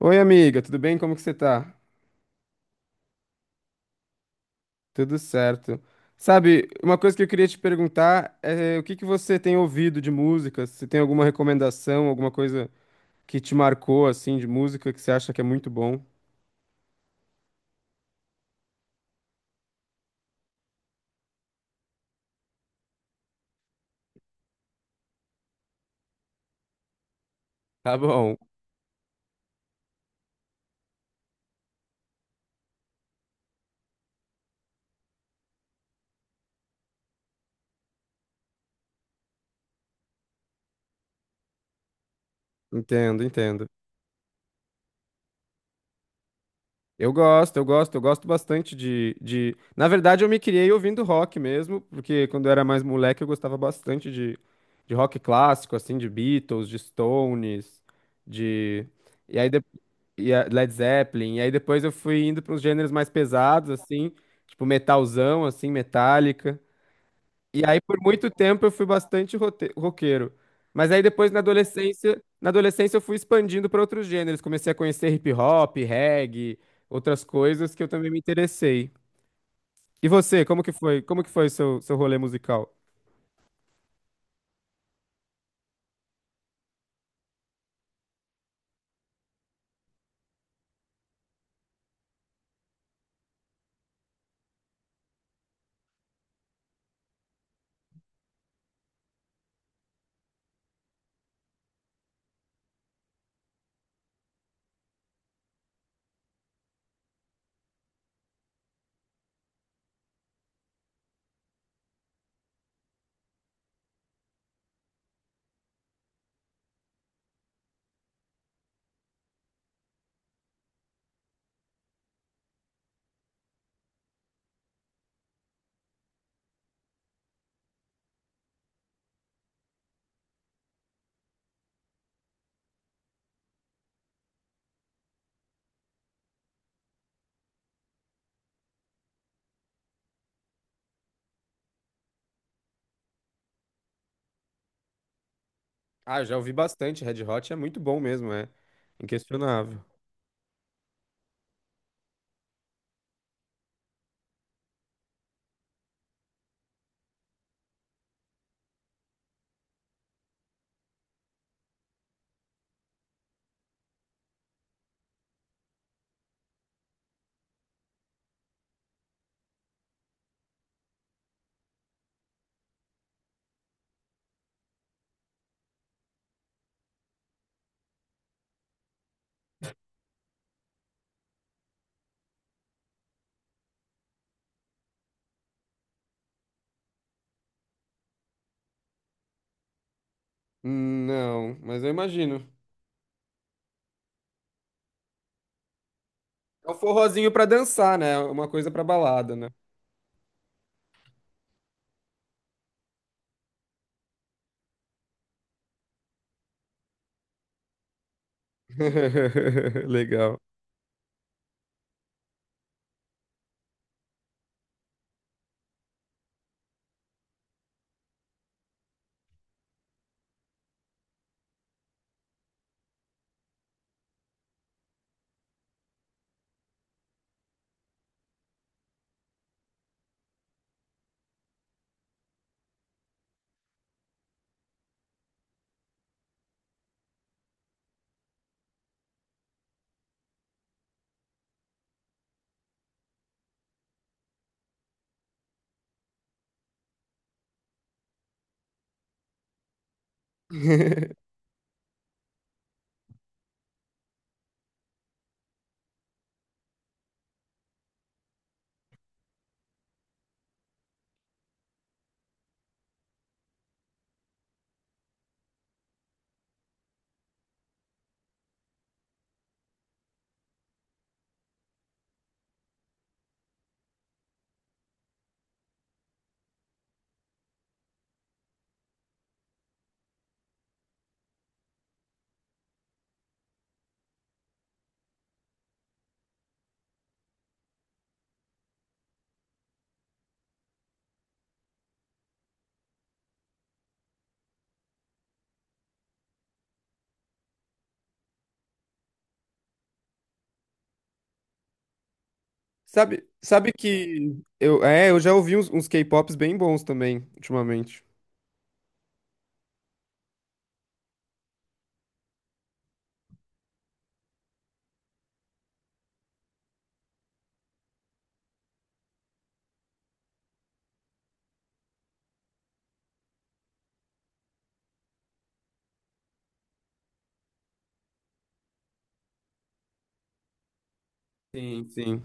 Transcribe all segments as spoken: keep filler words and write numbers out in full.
Oi, amiga, tudo bem? Como que você tá? Tudo certo. Sabe, uma coisa que eu queria te perguntar é o que que você tem ouvido de música? Se tem alguma recomendação, alguma coisa que te marcou, assim, de música que você acha que é muito bom? Tá bom, entendo, entendo. Eu gosto, eu gosto, eu gosto bastante de, de... Na verdade, eu me criei ouvindo rock mesmo, porque quando eu era mais moleque eu gostava bastante de, de rock clássico, assim, de Beatles, de Stones, de... E aí de- e a- Led Zeppelin. E aí depois eu fui indo para uns gêneros mais pesados, assim, tipo metalzão, assim, Metallica. E aí por muito tempo eu fui bastante rote- roqueiro. Mas aí depois na adolescência, na adolescência eu fui expandindo para outros gêneros. Comecei a conhecer hip hop, reggae, outras coisas que eu também me interessei. E você, como que foi? Como que foi seu seu rolê musical? Ah, já ouvi bastante. Red Hot é muito bom mesmo, é inquestionável. Hum, Não, mas eu imagino. É um forrozinho pra dançar, né? Uma coisa pra balada, né? Legal. Sabe, sabe que eu, é, eu já ouvi uns, uns K-pops bem bons também ultimamente. Sim, sim.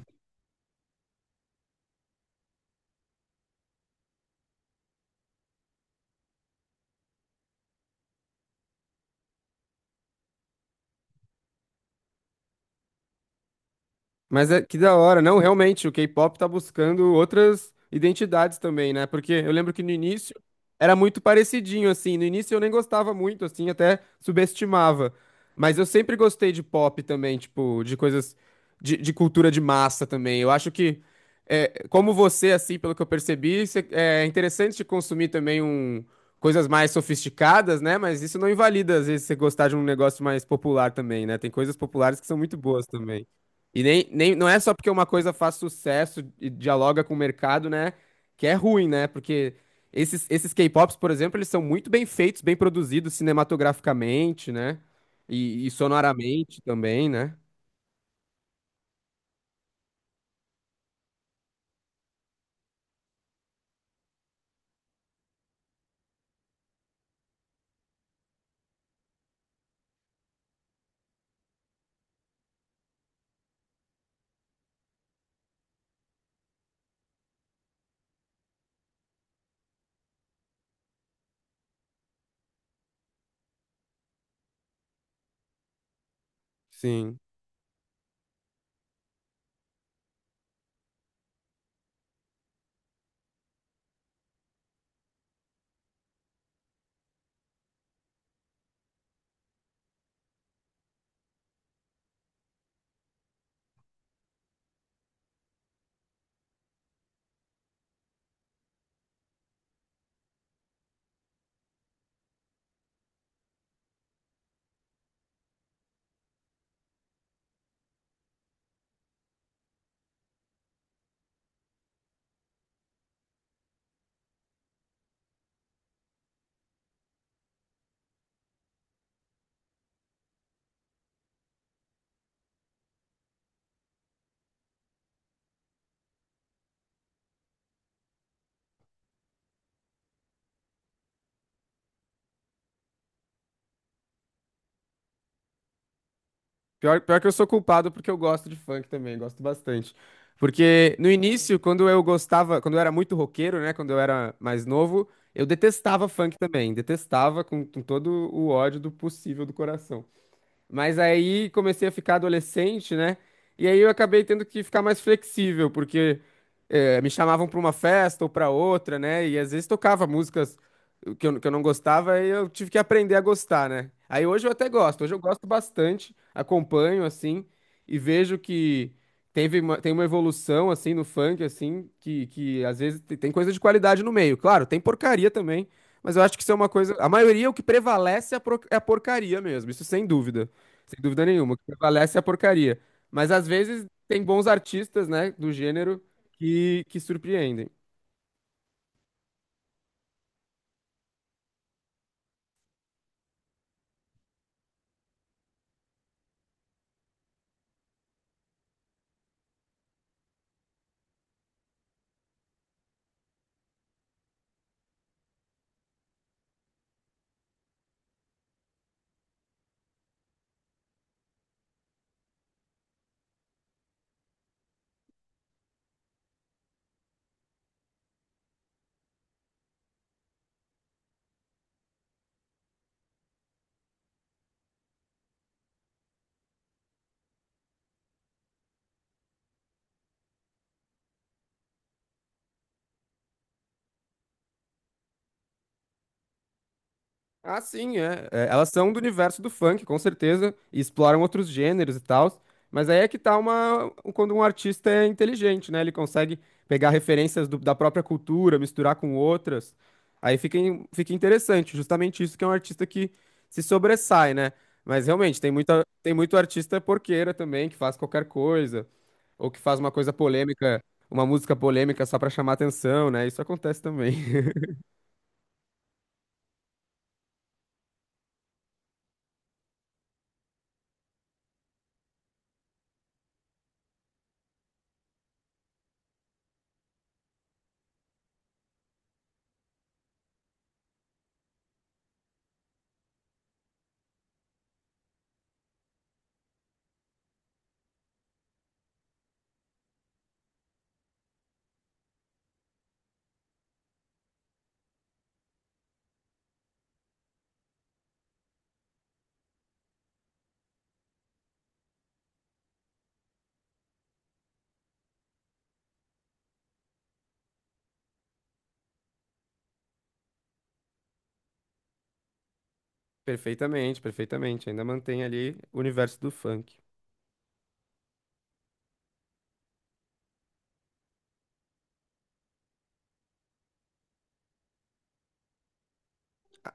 Mas é que da hora, não, realmente, o K-pop tá buscando outras identidades também, né? Porque eu lembro que no início era muito parecidinho, assim. No início eu nem gostava muito, assim, até subestimava. Mas eu sempre gostei de pop também, tipo, de coisas de, de cultura de massa também. Eu acho que, é, como você, assim, pelo que eu percebi, cê- é interessante de consumir também um, coisas mais sofisticadas, né? Mas isso não invalida, às vezes, você gostar de um negócio mais popular também, né? Tem coisas populares que são muito boas também. E nem, nem, não é só porque uma coisa faz sucesso e dialoga com o mercado, né? Que é ruim, né? Porque esses, esses K-pops, por exemplo, eles são muito bem feitos, bem produzidos cinematograficamente, né? E, e sonoramente também, né? Sim. Pior, pior que eu sou culpado porque eu gosto de funk também, gosto bastante. Porque no início, quando eu gostava, quando eu era muito roqueiro, né? Quando eu era mais novo, eu detestava funk também, detestava com, com todo o ódio do possível do coração. Mas aí comecei a ficar adolescente, né? E aí eu acabei tendo que ficar mais flexível, porque eh, me chamavam para uma festa ou para outra, né? E às vezes tocava músicas que eu, que eu não gostava e eu tive que aprender a gostar, né? Aí hoje eu até gosto, hoje eu gosto bastante, acompanho, assim, e vejo que teve uma, tem uma evolução, assim, no funk, assim, que, que às vezes te- tem coisa de qualidade no meio. Claro, tem porcaria também, mas eu acho que isso é uma coisa. A maioria, é o que prevalece é a pro- é a porcaria mesmo, isso sem dúvida. Sem dúvida nenhuma, o que prevalece é a porcaria. Mas às vezes tem bons artistas, né, do gênero que, que surpreendem. Ah, sim, é. É, elas são do universo do funk, com certeza, e exploram outros gêneros e tal. Mas aí é que tá uma, um, quando um artista é inteligente, né? Ele consegue pegar referências do- da própria cultura, misturar com outras. Aí fica, in- fica interessante, justamente isso que é um artista que se sobressai, né? Mas realmente, tem muita, tem muito artista porqueira também, que faz qualquer coisa, ou que faz uma coisa polêmica, uma música polêmica só pra chamar atenção, né? Isso acontece também. Perfeitamente, perfeitamente. Ainda mantém ali o universo do funk.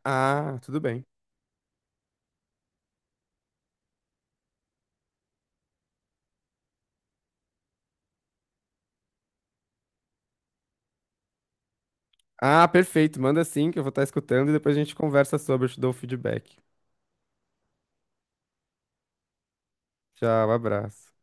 Ah, tudo bem. Ah, perfeito. Manda sim, que eu vou estar escutando e depois a gente conversa sobre, eu te dou o feedback. Tchau, abraço.